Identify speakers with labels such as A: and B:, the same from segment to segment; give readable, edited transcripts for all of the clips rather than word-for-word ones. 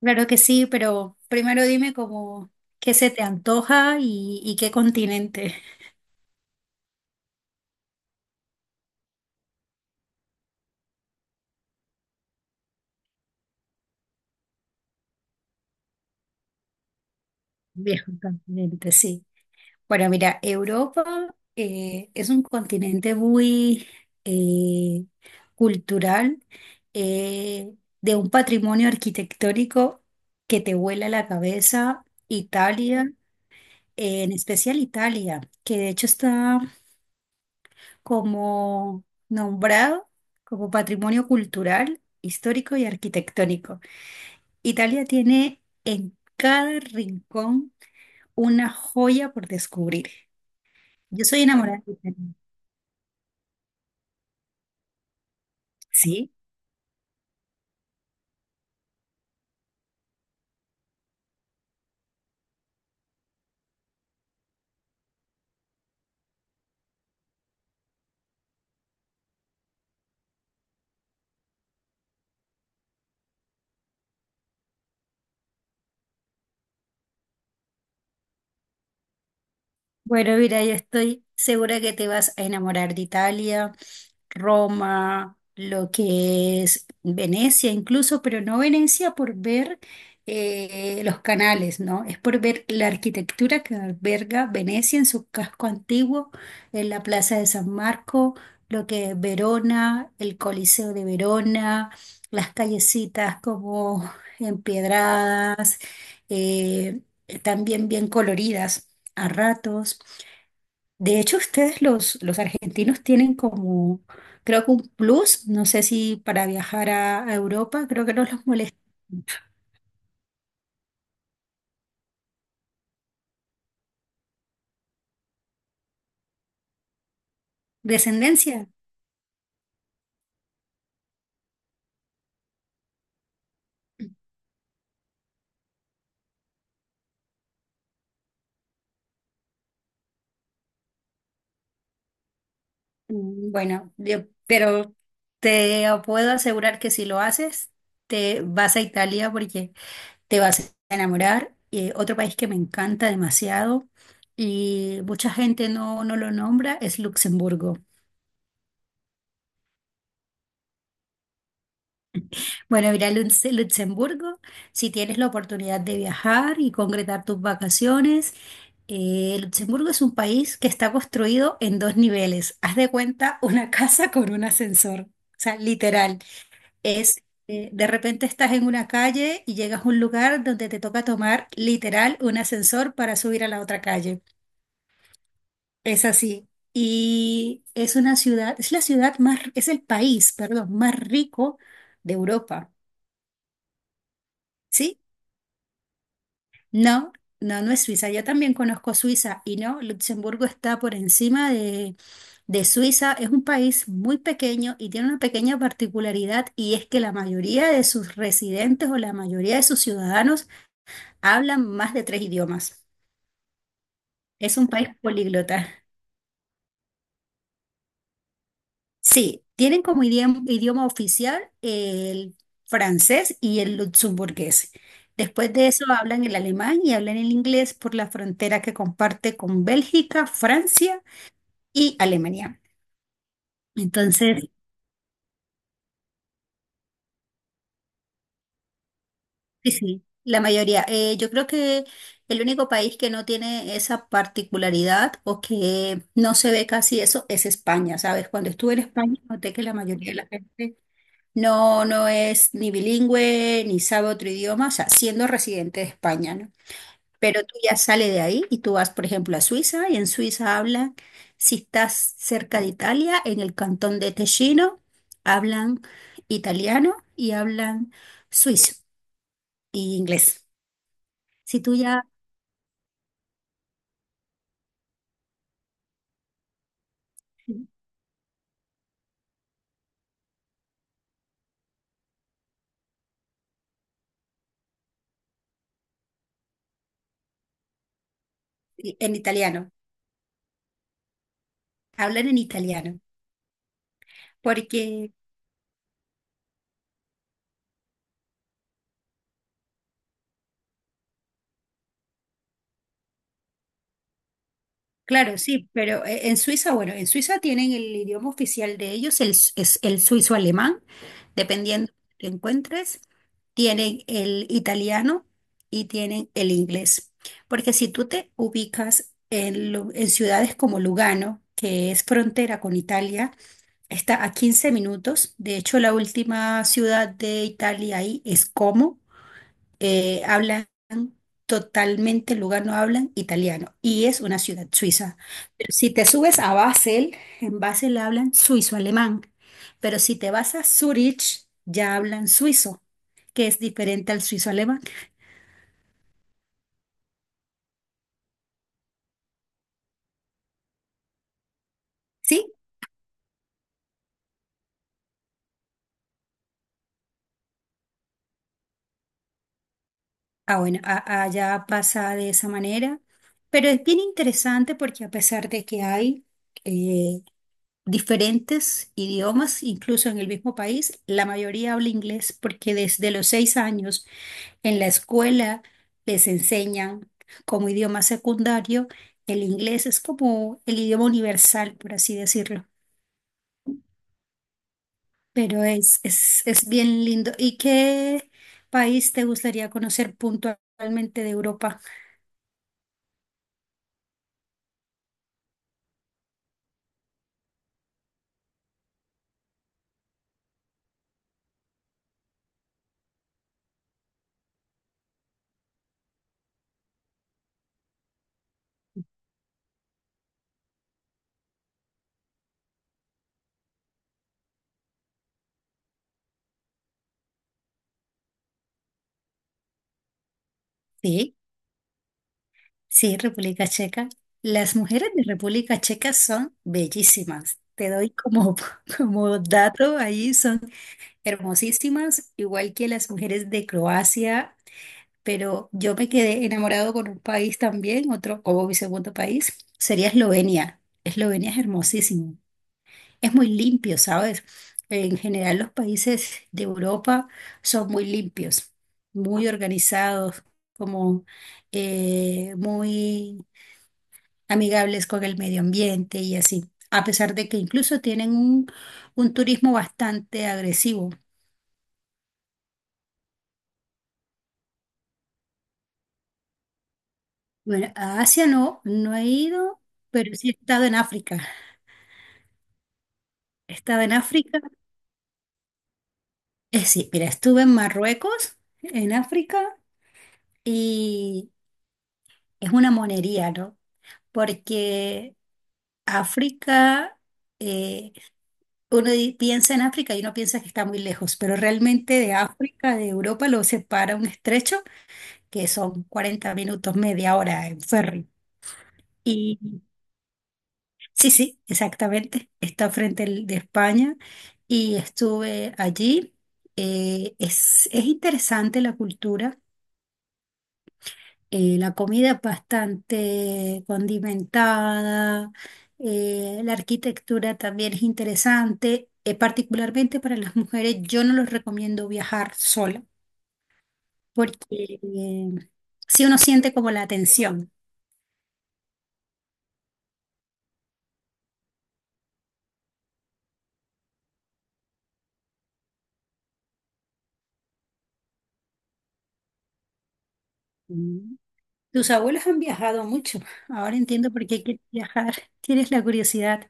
A: Claro que sí, pero primero dime como qué se te antoja y qué continente. Viejo continente, sí. Bueno, mira, Europa es un continente muy eh, cultural, eh, de un patrimonio arquitectónico que te vuela la cabeza. Italia, en especial Italia, que de hecho está como nombrado como patrimonio cultural, histórico y arquitectónico. Italia tiene en cada rincón una joya por descubrir. Yo soy enamorada de Italia. Sí. Bueno, mira, yo estoy segura que te vas a enamorar de Italia, Roma, lo que es Venecia incluso, pero no Venecia por ver los canales, ¿no? Es por ver la arquitectura que alberga Venecia en su casco antiguo, en la Plaza de San Marco, lo que es Verona, el Coliseo de Verona, las callecitas como empedradas, eh, también bien coloridas a ratos. De hecho, ustedes los argentinos tienen como, creo que un plus, no sé si para viajar a Europa, creo que no los molesta. Descendencia. Bueno, yo- pero te puedo asegurar que si lo haces, te vas a Italia porque te vas a enamorar. Otro país que me encanta demasiado y mucha gente no lo nombra es Luxemburgo. Bueno, ir a Lutz- Luxemburgo, si tienes la oportunidad de viajar y concretar tus vacaciones. Luxemburgo es un país que está construido en dos niveles. Haz de cuenta una casa con un ascensor. O sea, literal. Es, de repente estás en una calle y llegas a un lugar donde te toca tomar literal un ascensor para subir a la otra calle. Es así. Y es una ciudad, es la ciudad más, es el país, perdón, más rico de Europa. ¿Sí? No, no, no es Suiza. Yo también conozco Suiza y no, Luxemburgo está por encima de Suiza. Es un país muy pequeño y tiene una pequeña particularidad y es que la mayoría de sus residentes o la mayoría de sus ciudadanos hablan más de tres idiomas. Es un país políglota. Sí, tienen como idioma oficial el francés y el luxemburgués. Después de eso hablan el alemán y hablan el inglés por la frontera que comparte con Bélgica, Francia y Alemania. Entonces, sí, sí, la mayoría. Yo creo que el único país que no tiene esa particularidad o que no se ve casi eso es España, ¿sabes? Cuando estuve en España noté que la mayoría de la gente no es ni bilingüe ni sabe otro idioma, o sea, siendo residente de España, ¿no? Pero tú ya sales de ahí y tú vas, por ejemplo, a Suiza y en Suiza hablan, si estás cerca de Italia, en el cantón de Ticino, hablan italiano y hablan suizo y inglés. Si tú ya en italiano, hablan en italiano, porque. Claro, sí, pero en Suiza, bueno, en Suiza tienen el idioma oficial de ellos, el, s- es el suizo alemán, dependiendo de lo que encuentres, tienen el italiano y tienen el inglés. Porque si tú te ubicas en, lu- en ciudades como Lugano, que es frontera con Italia, está a 15 minutos. De hecho, la última ciudad de Italia ahí es Como. Hablan totalmente, Lugano hablan italiano y es una ciudad suiza. Si te subes a Basel, en Basel hablan suizo-alemán, pero si te vas a Zurich, ya hablan suizo, que es diferente al suizo-alemán. Sí, ah, bueno, a- allá pasa de esa manera, pero es bien interesante porque a pesar de que hay eh, diferentes idiomas, incluso en el mismo país, la mayoría habla inglés porque desde los 6 años en la escuela les enseñan como idioma secundario, el inglés es como el idioma universal, por así decirlo, pero es bien lindo. ¿Y qué país te gustaría conocer puntualmente de Europa? Sí, sí, República Checa. Las mujeres de República Checa son bellísimas. Te doy como, como dato ahí, son hermosísimas, igual que las mujeres de Croacia, pero yo me quedé enamorado con un país también, otro como mi segundo país, sería Eslovenia. Eslovenia es hermosísimo, es muy limpio, ¿sabes? En general los países de Europa son muy limpios, muy organizados, como muy amigables con el medio ambiente y así, a pesar de que incluso tienen un turismo bastante agresivo. Bueno, a Asia no, no he ido, pero sí he estado en África. He estado en África. Sí, mira, estuve en Marruecos, en África, y es una monería, ¿no? Porque África, eh, uno di- piensa en África y uno piensa que está muy lejos, pero realmente de África, de Europa, lo separa un estrecho que son 40 minutos, media hora en ferry. Y sí, sí, exactamente, está frente al- de España y estuve allí. Es interesante la cultura. La comida es bastante condimentada, la arquitectura también es interesante. Particularmente para las mujeres, yo no les recomiendo viajar sola porque si uno siente como la tensión. Mm. Tus abuelos han viajado mucho, ahora entiendo por qué quieres viajar, tienes la curiosidad.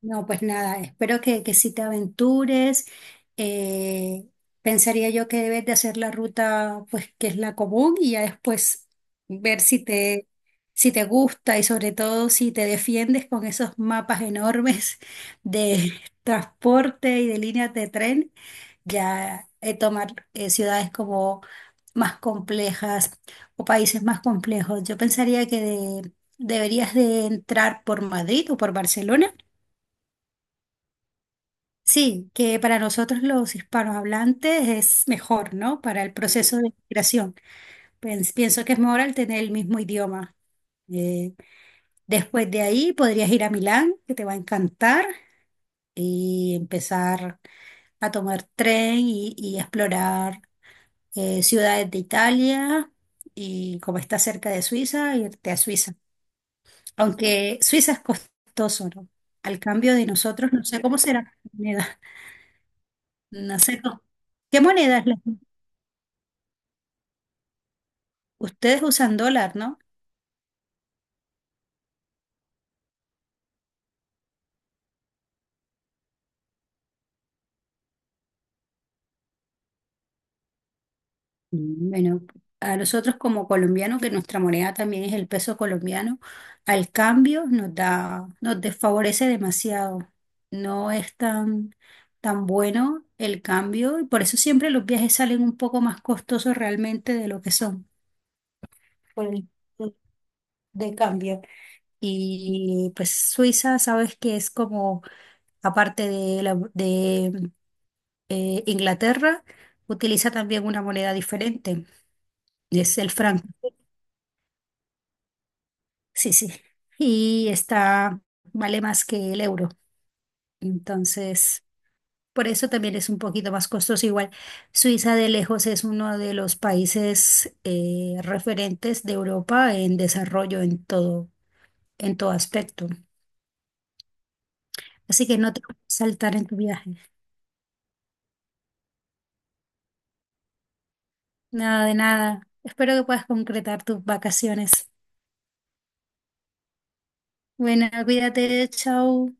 A: No, pues nada, espero que si te aventures, eh, pensaría yo que debes de hacer la ruta, pues que es la común y ya después ver si te, si te gusta y sobre todo si te defiendes con esos mapas enormes de transporte y de líneas de tren, ya tomar ciudades como más complejas o países más complejos. Yo pensaría que de- deberías de entrar por Madrid o por Barcelona. Sí, que para nosotros los hispanohablantes es mejor, ¿no? Para el proceso de migración. Pens- pienso que es mejor al tener el mismo idioma. Eh, Después de ahí podrías ir a Milán, que te va a encantar, y empezar a tomar tren y explorar ciudades de Italia y como está cerca de Suiza, irte a Suiza. Aunque Suiza es costoso, ¿no? Al cambio de nosotros, no sé cómo será la moneda. No sé cómo- ¿Qué moneda es la? Ustedes usan dólar, ¿no? Bueno, a nosotros como colombianos, que nuestra moneda también es el peso colombiano, al cambio nos da, nos desfavorece demasiado. No es tan bueno el cambio y por eso siempre los viajes salen un poco más costosos realmente de lo que son por el tipo de cambio. Y pues Suiza, sabes que es como, aparte de, la- de Inglaterra, utiliza también una moneda diferente. Es el franco, sí, sí. Y está, vale más que el euro. Entonces, por eso también es un poquito más costoso. Igual, Suiza de lejos es uno de los países referentes de Europa en desarrollo en todo aspecto. Así que no te puedes saltar en tu viaje. Nada de nada. Espero que puedas concretar tus vacaciones. Bueno, cuídate, chao.